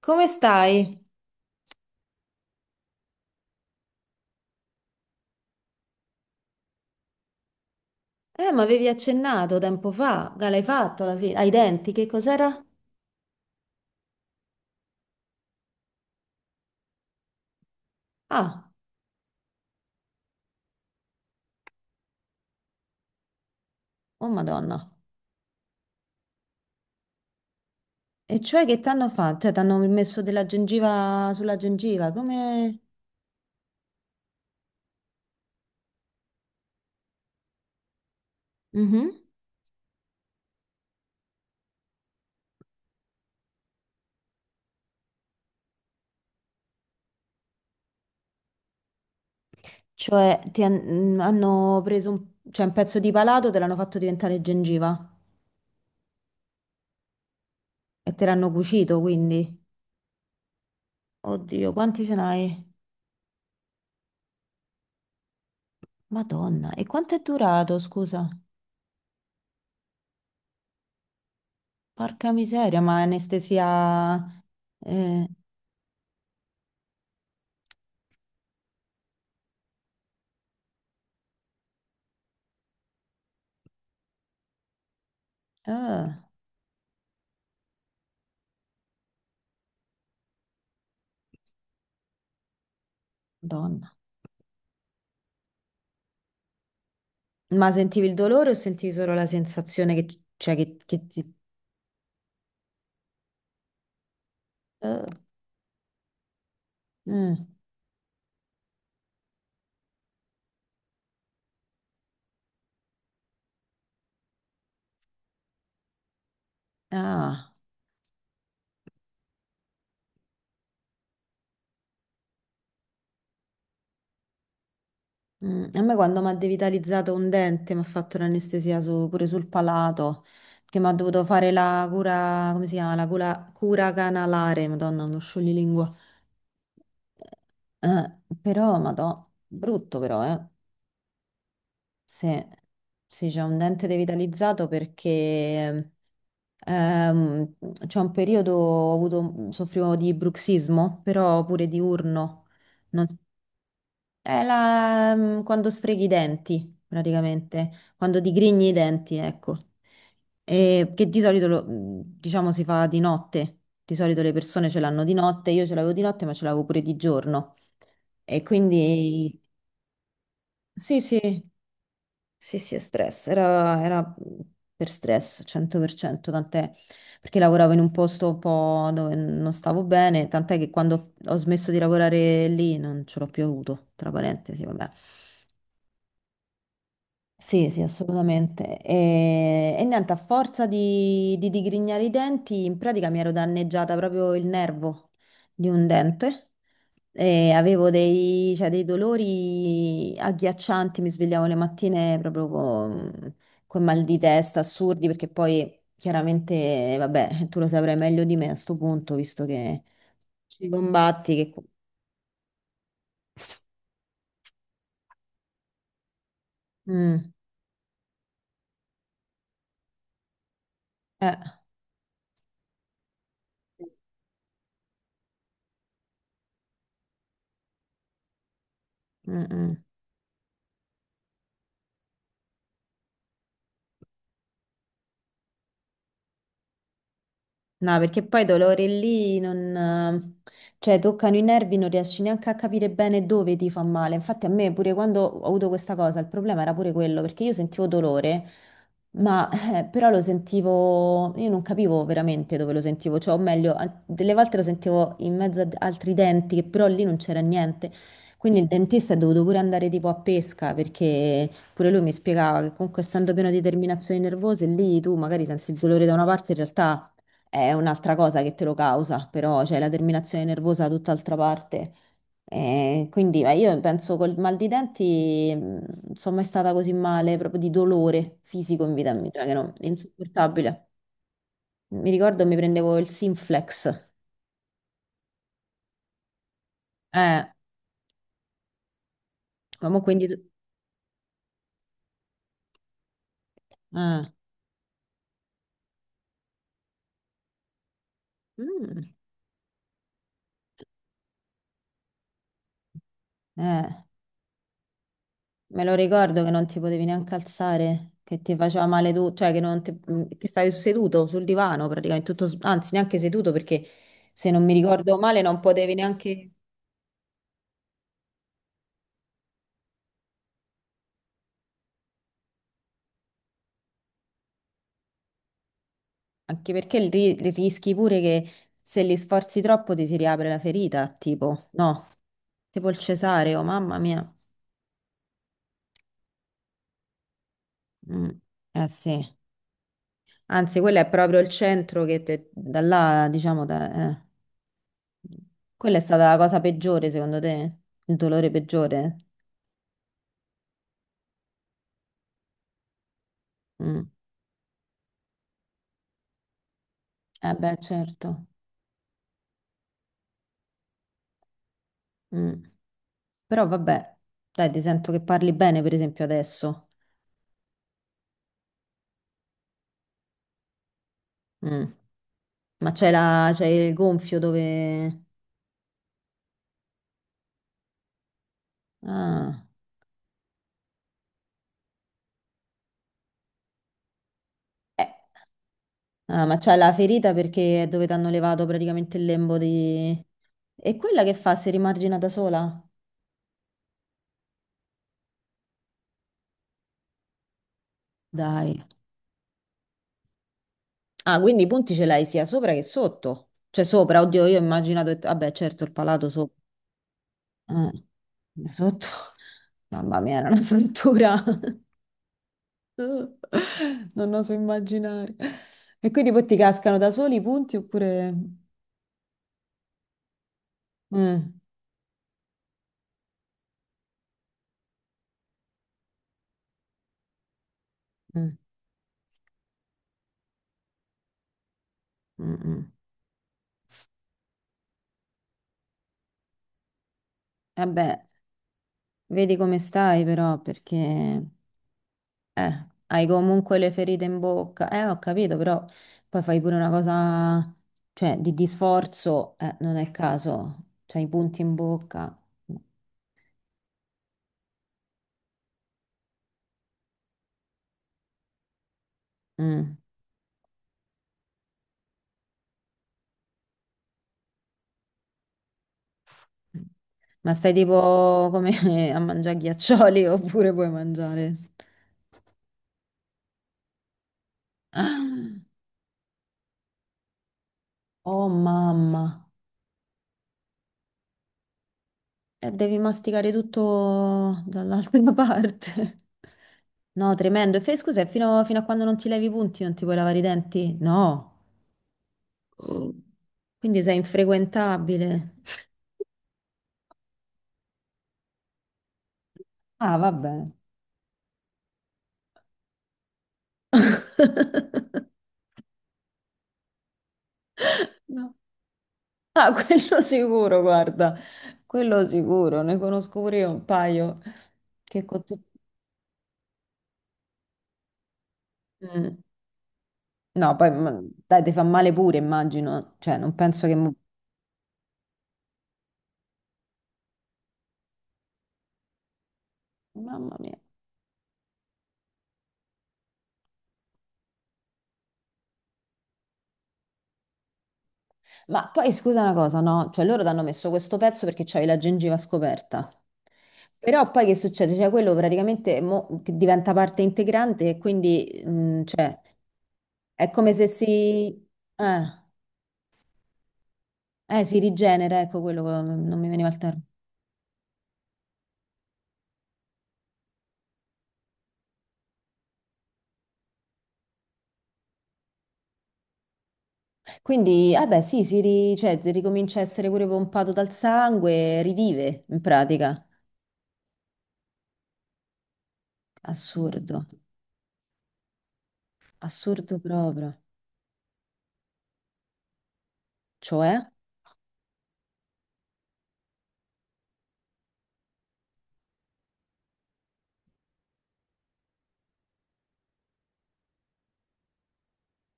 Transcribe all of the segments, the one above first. Come stai? Ma avevi accennato tempo fa, che l'hai fatto alla fine, ai denti, che cos'era? Ah, oh Madonna. E cioè che t'hanno fatto? Cioè, t'hanno messo della gengiva sulla gengiva, come... Mhm. Cioè, hanno preso un... cioè, un pezzo di palato, te l'hanno fatto diventare gengiva e te l'hanno cucito, quindi. Oddio, quanti ce n'hai? Madonna, e quanto è durato, scusa? Porca miseria, ma anestesia... Eh, eh, Madonna. Ma sentivi il dolore o sentivi solo la sensazione che, che ti... eh, mm, ah, mm. A me quando mi ha devitalizzato un dente, mi ha fatto l'anestesia su- pure sul palato, che mi ha dovuto fare la cura, come si chiama? La cura, cura canalare, madonna, uno scioglilingua. Però, madò, brutto però, eh. Sì, sì, c'è un dente devitalizzato perché... Ehm, c'è un periodo ho avuto, soffrivo di bruxismo, però pure diurno. Non- quando sfreghi i denti, praticamente, quando digrigni i denti, ecco. E che di solito, diciamo, si fa di notte. Di solito le persone ce l'hanno di notte, io ce l'avevo di notte, ma ce l'avevo pure di giorno. E quindi sì, sì, sì, sì, è stress, era per stress, 100%, tant'è perché lavoravo in un posto un po' dove non stavo bene, tant'è che quando ho smesso di lavorare lì non ce l'ho più avuto, tra parentesi, vabbè. Sì, sì, assolutamente. E niente, a forza di digrignare i denti, in pratica mi ero danneggiata proprio il nervo di un dente e avevo dei, cioè, dei dolori agghiaccianti, mi svegliavo le mattine proprio con mal di testa assurdi, perché poi chiaramente, vabbè, tu lo saprai meglio di me a sto punto, visto che ci combatti, che... co- Mm, eh, mm, mm. No, perché poi i dolori lì non, cioè, toccano i nervi, non riesci neanche a capire bene dove ti fa male. Infatti a me pure quando ho avuto questa cosa, il problema era pure quello, perché io sentivo dolore, ma però lo sentivo, io non capivo veramente dove lo sentivo, cioè, o meglio, a- delle volte lo sentivo in mezzo ad altri denti, che però lì non c'era niente. Quindi il dentista è dovuto pure andare tipo a pesca, perché pure lui mi spiegava che comunque essendo pieno di terminazioni nervose, lì tu magari senti il dolore da una parte, in realtà è un'altra cosa che te lo causa, però c'è la terminazione nervosa da tutt'altra parte. Quindi io penso col mal di denti non sono mai stata così male, proprio di dolore fisico in vita mia, cioè che no, è insopportabile. Mi ricordo mi prendevo il Sinflex, eh, ma mo quindi... Eh. Mm. Eh. Me lo ricordo che non ti potevi neanche alzare, che ti faceva male tu, cioè che, non ti- mm, che stavi seduto sul divano praticamente, tutto, s- anzi neanche seduto perché se non mi ricordo male non potevi neanche, anche perché il ri- il rischi pure che se li sforzi troppo ti si riapre la ferita, tipo, no, tipo il cesareo, mamma mia. Mm, Eh sì, anzi quello è proprio il centro che te- da là, diciamo, da- eh. Quella è stata la cosa peggiore secondo te, il dolore peggiore? Mm. Eh beh, certo. Mm. Però vabbè, dai, ti sento che parli bene, per esempio, adesso. Mm. Ma c'è la... c'è il gonfio dove... Ah. Eh. Ah, ma c'è la ferita perché è dove ti hanno levato praticamente il lembo di... E quella che fa? Si rimargina da sola? Dai. Ah, quindi i punti ce l'hai sia sopra che sotto. Cioè sopra, oddio, io ho immaginato... Vabbè, certo, il palato sopra. Eh. Sotto? Mamma mia, era una struttura. Non oso immaginare. E quindi poi ti cascano da soli i punti oppure... Mm, mm, mm, mm. Vabbè, vedi come stai però, perché hai comunque le ferite in bocca. Ho capito, però poi fai pure una cosa, cioè, di sforzo, non è il caso. C'hai i punti in bocca. Mm. Ma stai tipo come a mangiare ghiaccioli oppure puoi mangiare? Oh mamma, e devi masticare tutto dall'altra parte. No, tremendo. E fai scusa, e fino a quando non ti levi i punti non ti puoi lavare i denti? No, Oh. Quindi sei infrequentabile. Ah, vabbè. No. Ah, quello sicuro, guarda, quello sicuro, ne conosco pure io un paio che con tut- Mm. No, poi ma- dai, ti fa male pure, immagino, cioè non penso che... mo- Mamma mia. Ma poi scusa una cosa, no? Cioè loro ti hanno messo questo pezzo perché c'hai la gengiva scoperta. Però poi che succede? Cioè quello praticamente mo- che diventa parte integrante e quindi cioè, è come se si... Eh, si rigenera, ecco quello, non mi veniva il termine. Quindi, eh beh, sì, si, ri- cioè, si ricomincia a essere pure pompato dal sangue, rivive in pratica. Assurdo, assurdo proprio. Cioè?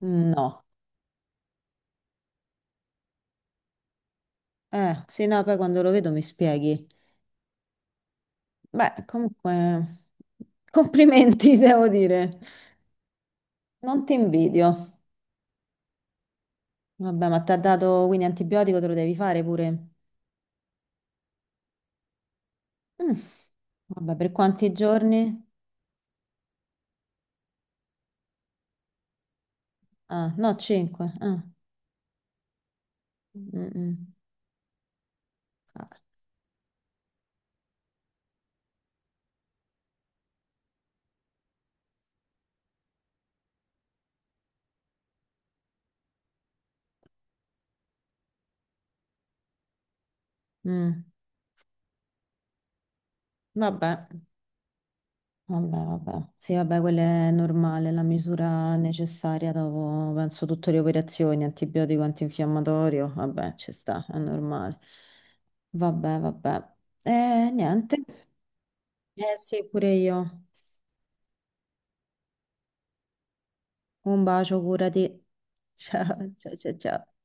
Mm, No. Sì, no, poi quando lo vedo mi spieghi. Beh, comunque, complimenti, devo dire. Non ti invidio. Vabbè, ma ti ha dato quindi antibiotico, te lo devi fare pure. Mm, Vabbè, per quanti giorni? Ah, no, 5. Vabbè, vabbè, vabbè. Sì, vabbè, quella è normale, la misura necessaria dopo, penso, tutte le operazioni, antibiotico, antinfiammatorio. Vabbè, ci sta, è normale. Vabbè, vabbè. Niente. Eh sì, pure io. Un bacio, curati. Ciao, ciao, ciao, ciao.